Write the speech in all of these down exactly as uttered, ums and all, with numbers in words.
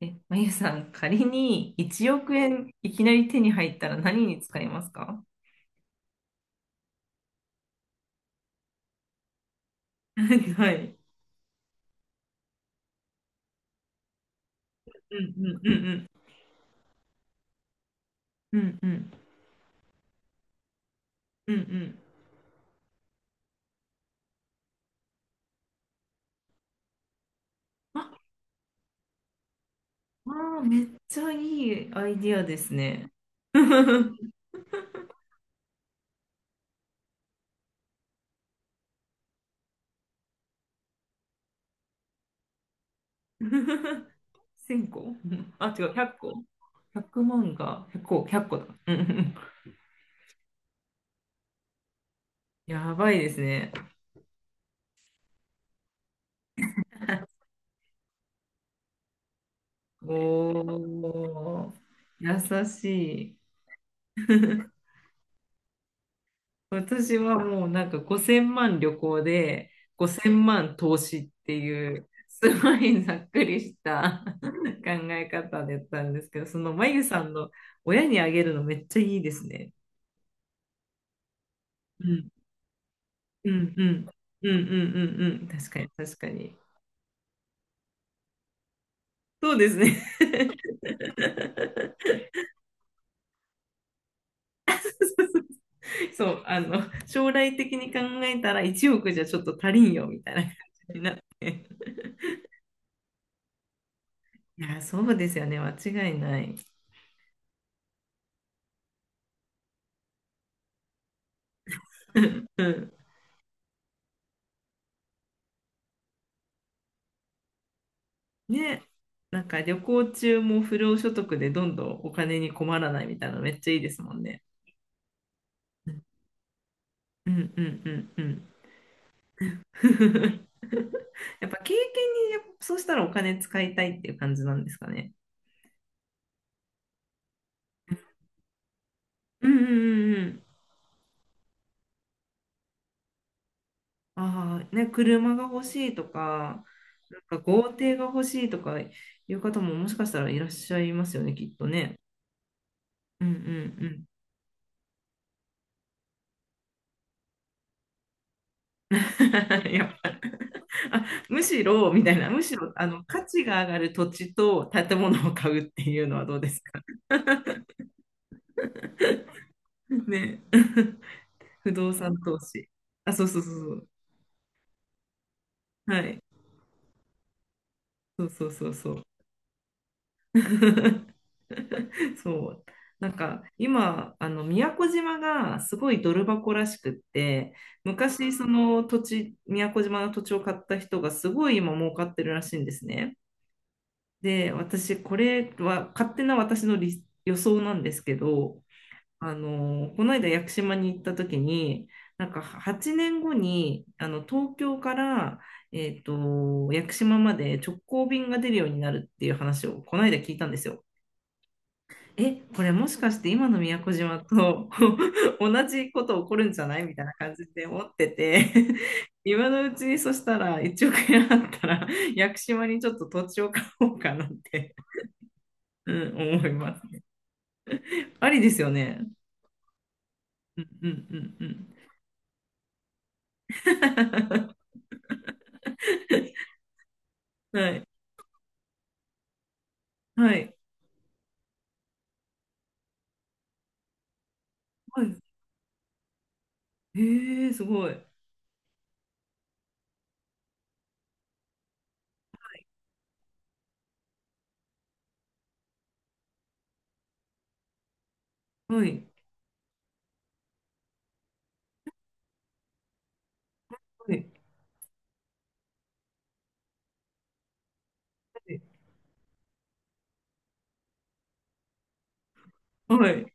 え、まゆさん、仮にいちおく円いきなり手に入ったら何に使いますか？ はい。うんうんうんうんうんうんうんうん。あ、あー、めっちゃいいアイディアですね。せんこ。あ、違う、ひゃっこ。ひゃくまんがひゃっこ、いっこだ。うんうんうん。やばいですね。おー、優しい。私はもうなんかごせんまん旅行でごせんまん投資っていうすごいざっくりした 考え方だったんですけど、そのまゆさんの親にあげるのめっちゃいいですね。うん、うん、うん、うん、うん、うん、うん、確かに、確かに。そうですね。そう、あの、将来的に考えたらいちおくじゃちょっと足りんよみたいな感じになって。いや、そうですよね、間違いない。うん。ね、なんか旅行中も不労所得でどんどんお金に困らないみたいなのめっちゃいいですもんね。うんうんうんうんうん。やっぱ経験にやっぱそうしたらお金使いたいっていう感じなんですかね。うんうんうんうん。ああ、ね、車が欲しいとか、なんか豪邸が欲しいとかいう方ももしかしたらいらっしゃいますよね、きっとね。うんうん やっぱ あ、むしろ、みたいな、むしろ、あの、価値が上がる土地と建物を買うっていうのはどうですかね。不動産投資。あ、そうそうそうそう。はい。そうそうそうそう。そう。なんか、今、あの、宮古島がすごいドル箱らしくって、昔、その土地、宮古島の土地を買った人がすごい今儲かってるらしいんですね。で、私、これは勝手な私の理予想なんですけど、あの、この間屋久島に行った時に、なんかはちねんごに、あの、東京から、えっと、屋久島まで直行便が出るようになるっていう話をこの間聞いたんですよ。え、これもしかして今の宮古島と 同じこと起こるんじゃないみたいな感じで思ってて 今のうちにそしたらいちおく円あったら屋久島にちょっと土地を買おうかなって、うん、思います。ありですよね。うんうんうんうん。はい。はい。はい。ええ、すごい。はい。はい。はい。はい。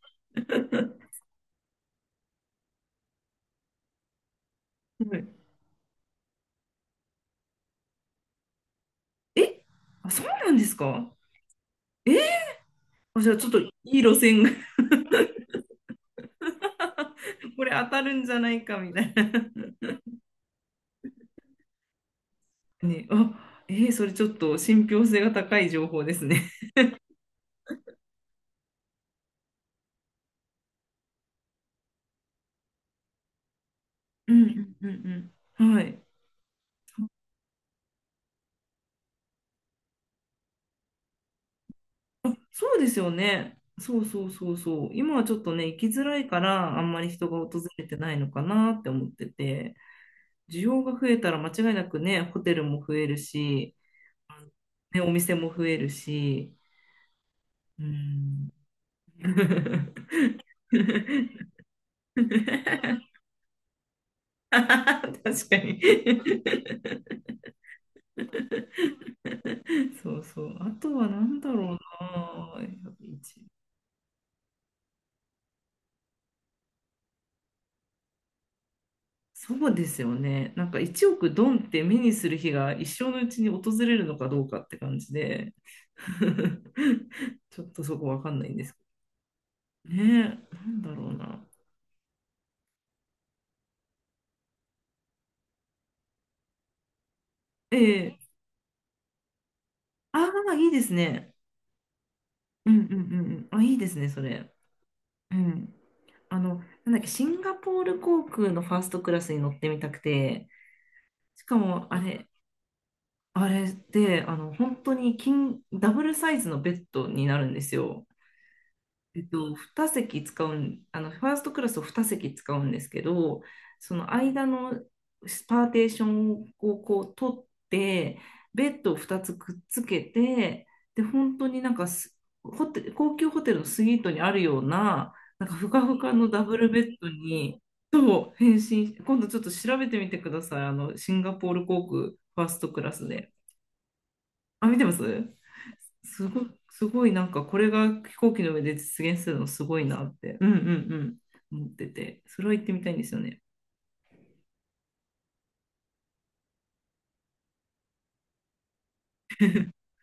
え、あ、そうなんですか？え、あ、じゃあちょっといい路線が。 これ当たるんじゃないかみたいな。 ね。あ、えー、それちょっと信憑性が高い情報ですね。うんうんうんうん。はい。そうですよね。そうそうそうそう。今はちょっとね、行きづらいから、あんまり人が訪れてないのかなって思ってて、需要が増えたら間違いなくね、ホテルも増えるし、あのね、お店も増えるし、うん。確かに。 そうそう。あとは何だろうな。一そうですよね。なんかいちおくドンって目にする日が一生のうちに訪れるのかどうかって感じで、ちょっとそこわかんないんですけどね。なんだろうな。ええ、ああ、いいですね。うんうんうんうん。あ、いいですね、それ。うん。あの、なんだっけ、シンガポール航空のファーストクラスに乗ってみたくて、しかもあれ、あれで、あの、本当に金、ダブルサイズのベッドになるんですよ。えっと、に席使うん、あの、ファーストクラスをに席使うんですけど、その間のパーテーションをこう取って、ベッドをふたつくっつけて、で、本当になんかすホテ、高級ホテルのスイートにあるような、なんかふかふかのダブルベッドに、と変身、今度ちょっと調べてみてください。あの、シンガポール航空ファーストクラスで。あ、見てます。すごい、すごい、なんかこれが飛行機の上で実現するのすごいなって。うんうんうん。思ってて、それは行ってみたいんですよね。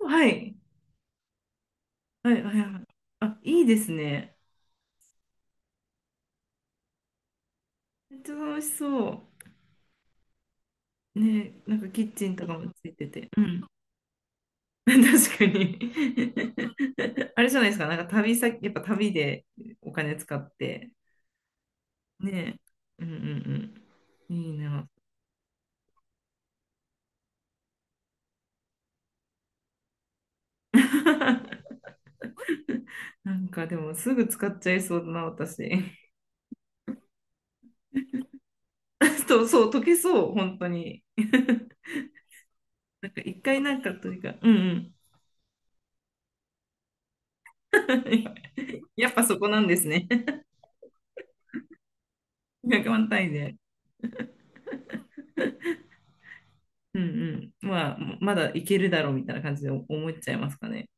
はい。はいはいはい。あ、いいですね。めっちゃ楽しそう。ね、なんかキッチンとかもついてて。うん。確かに。 あれじゃないですか、なんか旅先、やっぱ旅でお金使って。ね。うんうんうん。いいな。なんかでもすぐ使っちゃいそうだな、私。そう、そう、溶けそう、本当に。なんか一回なんかというか、うんうん。やっぱそこなんですね。ひゃくまん単位で。うんうん。まあ、まだいけるだろうみたいな感じで思っちゃいますかね。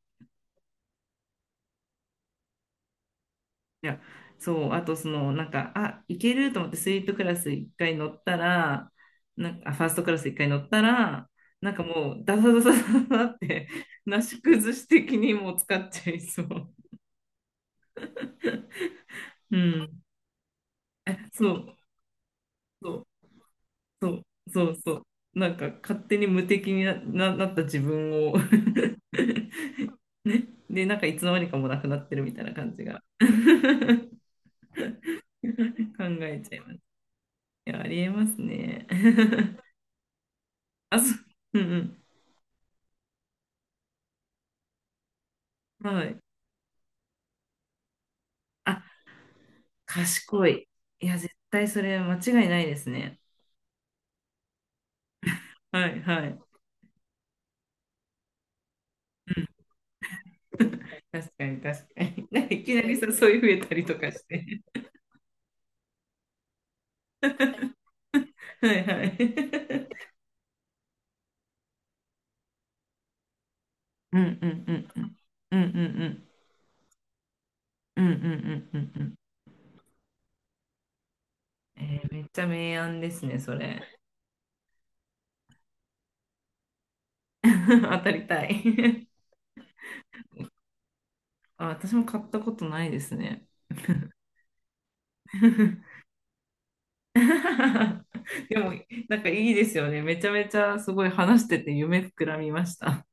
いや、そう、あとその、なんか、あ、いけると思ってスイートクラス一回乗ったら、なんか、あ、ファーストクラス一回乗ったら、なんかもう、ダサダサダサダサって、なし崩し的にもう使っちゃいそう。うん。えそう、そう。そう、そうそう。なんか勝手に無敵にな、な、なった自分を。 ね。で、なんかいつの間にかもうなくなってるみたいな感じが 考えちゃいます。いや、ありえますね。あ、そう、うんうん。はい。あ、賢い。いや、絶対それ間違いないですね。はいはい。うん、確かに、確かに。なんかいきなりさ、そういう増えたりとかして。はいはい。うんうんうんうん。うんうんうん。うんうんうんうんうんうん。えーめっちゃ明暗ですね、それ。当たりたい。 あ、私も買ったことないですね。でも、なんかいいですよね。めちゃめちゃすごい話してて夢膨らみました。